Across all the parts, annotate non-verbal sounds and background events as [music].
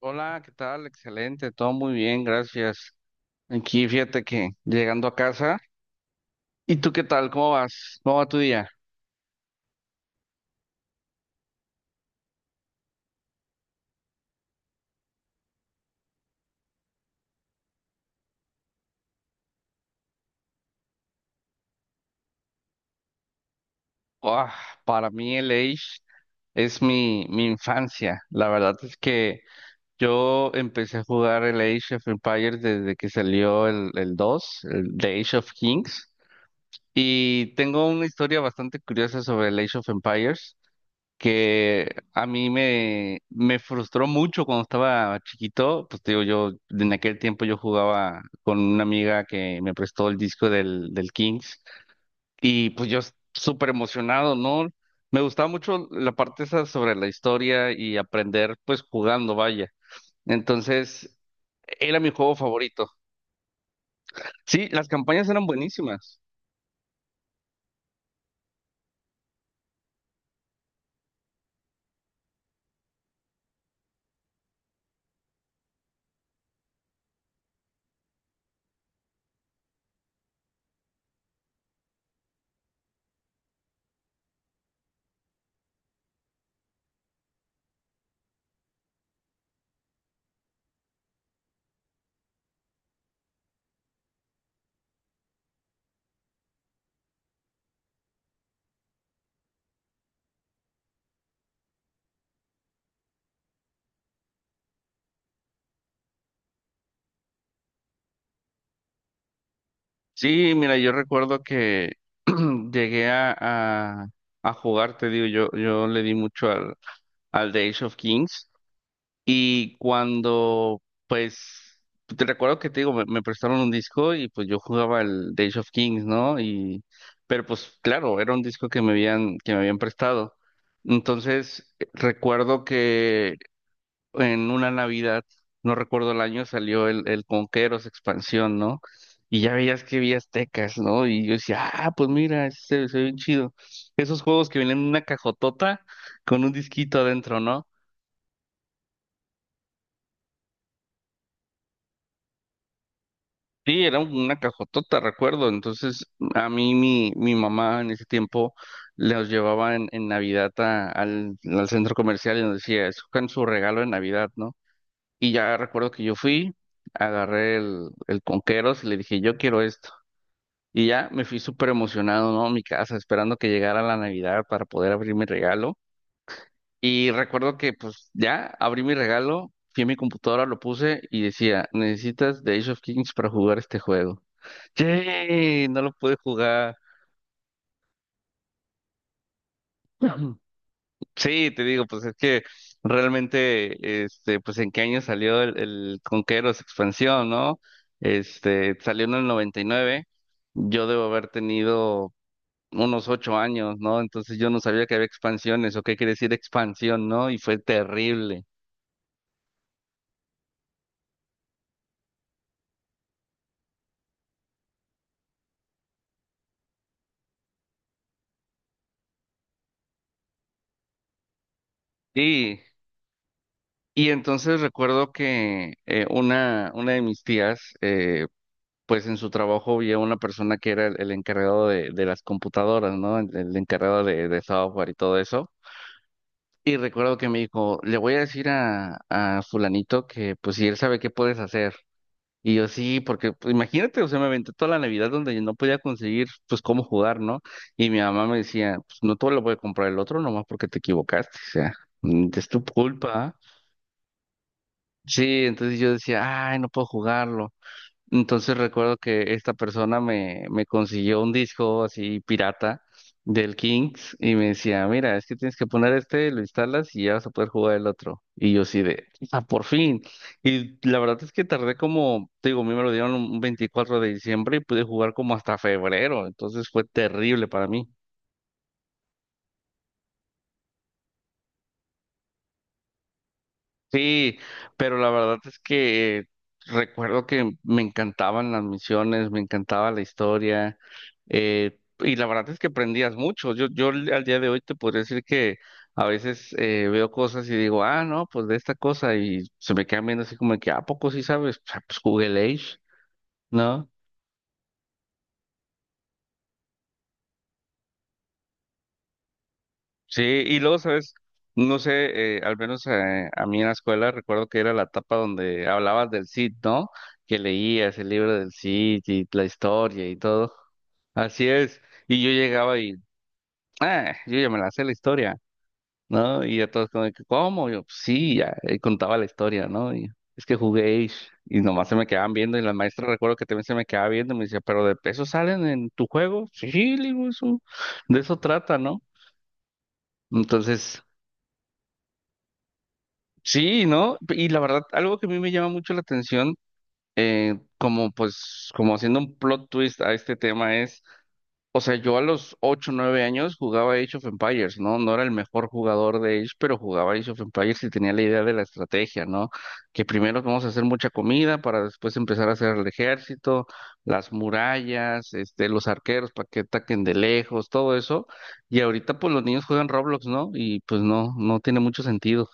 Hola, ¿qué tal? Excelente, todo muy bien, gracias. Aquí fíjate que llegando a casa. ¿Y tú qué tal? ¿Cómo vas? ¿Cómo va tu día? Ah, para mí el Age es mi infancia. La verdad es que yo empecé a jugar el Age of Empires desde que salió el 2, el The Age of Kings. Y tengo una historia bastante curiosa sobre el Age of Empires, que a mí me frustró mucho cuando estaba chiquito. Pues te digo, yo en aquel tiempo yo jugaba con una amiga que me prestó el disco del Kings. Y pues súper emocionado, ¿no? Me gustaba mucho la parte esa sobre la historia y aprender pues jugando, vaya. Entonces, era mi juego favorito. Sí, las campañas eran buenísimas. Sí, mira, yo recuerdo que [clears throat] llegué a, a- a jugar. Te digo, yo le di mucho al de Age of Kings. Y cuando, pues, te recuerdo que te digo, me prestaron un disco y pues yo jugaba el de Age of Kings, ¿no? Pero pues claro, era un disco que me habían prestado. Entonces, recuerdo que en una Navidad, no recuerdo el año, salió el Conqueros expansión, ¿no? Y ya veías que vi aztecas, ¿no? Y yo decía, ah, pues mira, se ve bien chido. Esos juegos que vienen en una cajotota con un disquito adentro, ¿no? Sí, era una cajotota, recuerdo. Entonces, a mi mamá en ese tiempo los llevaba en Navidad al centro comercial y nos decía, escojan su regalo de Navidad, ¿no? Y ya recuerdo que yo fui, agarré el Conqueros y le dije, yo quiero esto. Y ya me fui súper emocionado, ¿no?, a mi casa, esperando que llegara la Navidad para poder abrir mi regalo. Y recuerdo que pues ya abrí mi regalo, fui a mi computadora, lo puse y decía, necesitas The Age of Kings para jugar este juego. Yay, no lo pude jugar. [clears throat] Sí, te digo, pues es que realmente, este, pues en qué año salió el Conqueros expansión, ¿no? Este, salió en el 99. Yo debo haber tenido unos 8 años, ¿no? Entonces yo no sabía que había expansiones o qué quiere decir expansión, ¿no? Y fue terrible. Y, y entonces recuerdo que una de mis tías, pues en su trabajo había una persona que era el encargado de las computadoras, ¿no? El encargado de software y todo eso. Y recuerdo que me dijo, le voy a decir a fulanito que pues si él sabe qué puedes hacer. Y yo sí, porque pues, imagínate, o sea, me aventé toda la Navidad donde yo no podía conseguir pues cómo jugar, ¿no? Y mi mamá me decía, pues no todo lo puede comprar el otro, nomás porque te equivocaste, o sea, es tu culpa. Sí, entonces yo decía, ay, no puedo jugarlo. Entonces recuerdo que esta persona me consiguió un disco así pirata del Kings y me decía, mira, es que tienes que poner este, lo instalas y ya vas a poder jugar el otro. Y yo sí de, ah, por fin. Y la verdad es que tardé como, te digo, a mí me lo dieron un 24 de diciembre y pude jugar como hasta febrero. Entonces fue terrible para mí. Sí, pero la verdad es que recuerdo que me encantaban las misiones, me encantaba la historia, y la verdad es que aprendías mucho. Yo al al día de hoy te podría decir que a veces veo cosas y digo, ah, no, pues de esta cosa, y se me quedan viendo así como que, ¿a poco sí sabes? O sea, pues Google Age, ¿no? Sí, y luego, ¿sabes? No sé, al menos a mí en la escuela recuerdo que era la etapa donde hablabas del Cid, ¿no? Que leías el libro del Cid y la historia y todo. Así es. Y yo llegaba y, ah, yo ya me la sé la historia, ¿no? Y ya todos como, de que, ¿cómo? Yo, "Pues sí, ya", y contaba la historia, ¿no? Y es que jugué y nomás se me quedaban viendo, y la maestra recuerdo que también se me quedaba viendo y me decía, ¿pero de peso salen en tu juego? Sí, le digo, eso, de eso trata, ¿no? Entonces, sí, ¿no? Y la verdad, algo que a mí me llama mucho la atención, como pues, como haciendo un plot twist a este tema es, o sea, yo a los 8 9 años jugaba Age of Empires, ¿no? No era el mejor jugador de Age, pero jugaba Age of Empires y tenía la idea de la estrategia, ¿no? Que primero vamos a hacer mucha comida para después empezar a hacer el ejército, las murallas, este, los arqueros para que ataquen de lejos, todo eso. Y ahorita pues los niños juegan Roblox, ¿no? Y pues no, no tiene mucho sentido.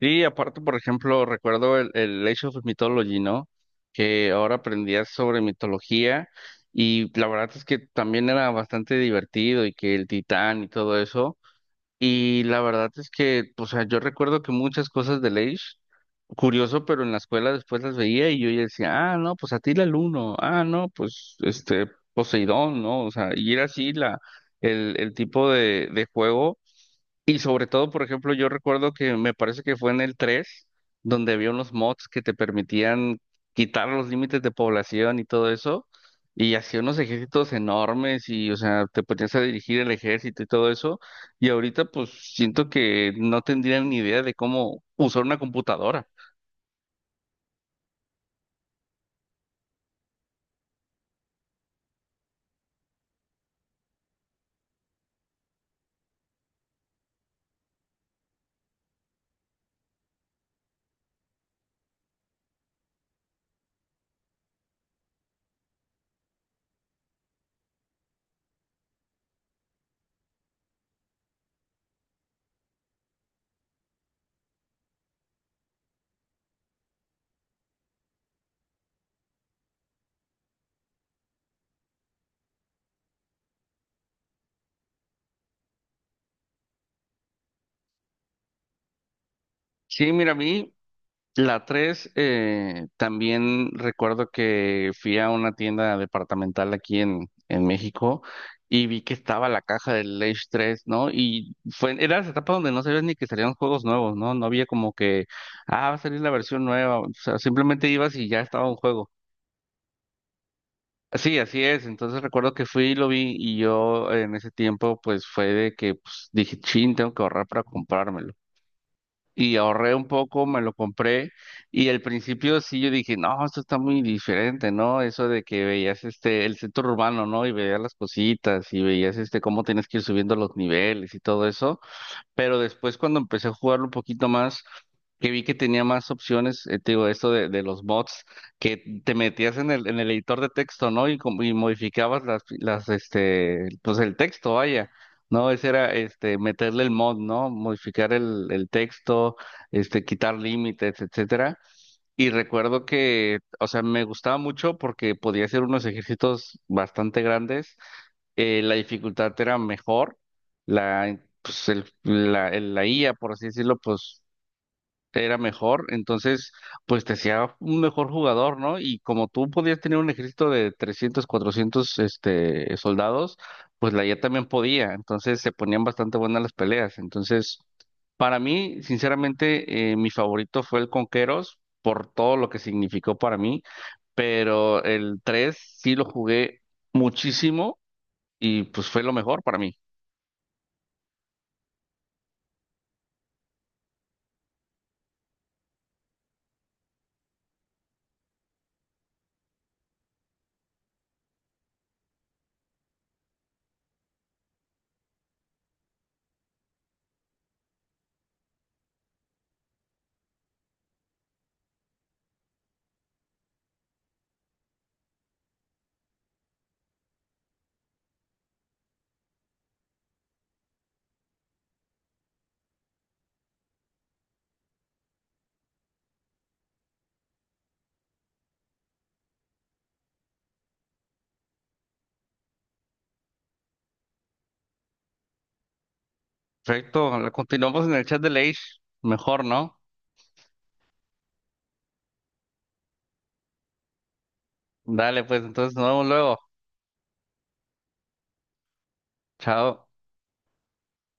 Sí, aparte, por ejemplo, recuerdo el Age of Mythology, ¿no? Que ahora aprendías sobre mitología, y la verdad es que también era bastante divertido y que el titán y todo eso. Y la verdad es que, o sea, yo recuerdo que muchas cosas del Age, curioso, pero en la escuela después las veía y yo ya decía, ah, no, pues Atila el Uno, ah, no, pues este Poseidón, ¿no? O sea, y era así la, el tipo de juego. Y sobre todo, por ejemplo, yo recuerdo que me parece que fue en el 3 donde había unos mods que te permitían quitar los límites de población y todo eso, y hacía unos ejércitos enormes y, o sea, te ponías a dirigir el ejército y todo eso. Y ahorita pues siento que no tendrían ni idea de cómo usar una computadora. Sí, mira, a mí la 3 también recuerdo que fui a una tienda departamental aquí en México y vi que estaba la caja del Age 3, ¿no? Y fue, era esa etapa donde no sabías ni que salían juegos nuevos, ¿no? No había como que, ah, va a salir la versión nueva. O sea, simplemente ibas y ya estaba un juego. Sí, así es. Entonces recuerdo que fui y lo vi, y yo en ese tiempo pues fue de que pues, dije, chin, tengo que ahorrar para comprármelo, y ahorré un poco, me lo compré, y al principio sí yo dije, no, esto está muy diferente, ¿no? Eso de que veías este, el centro urbano, ¿no?, y veías las cositas y veías este, cómo tienes que ir subiendo los niveles y todo eso, pero después cuando empecé a jugarlo un poquito más, que vi que tenía más opciones, te digo, esto de los mods, que te metías en el editor de texto, ¿no? Y, y modificabas este, pues el texto, vaya, ¿no? Ese era, este, meterle el mod, ¿no? Modificar el texto, este, quitar límites, etcétera. Y recuerdo que, o sea, me gustaba mucho porque podía hacer unos ejercicios bastante grandes. La dificultad era mejor, la, pues el- la IA, por así decirlo, pues era mejor. Entonces pues te hacía un mejor jugador, ¿no? Y como tú podías tener un ejército de 300 400 este, soldados, pues la IA también podía. Entonces se ponían bastante buenas las peleas. Entonces, para mí, sinceramente, mi favorito fue el Conqueros, por todo lo que significó para mí. Pero el 3 sí lo jugué muchísimo, y pues fue lo mejor para mí. Perfecto, continuamos en el chat de Leish. Mejor, ¿no? Dale, pues entonces nos vemos luego. Chao.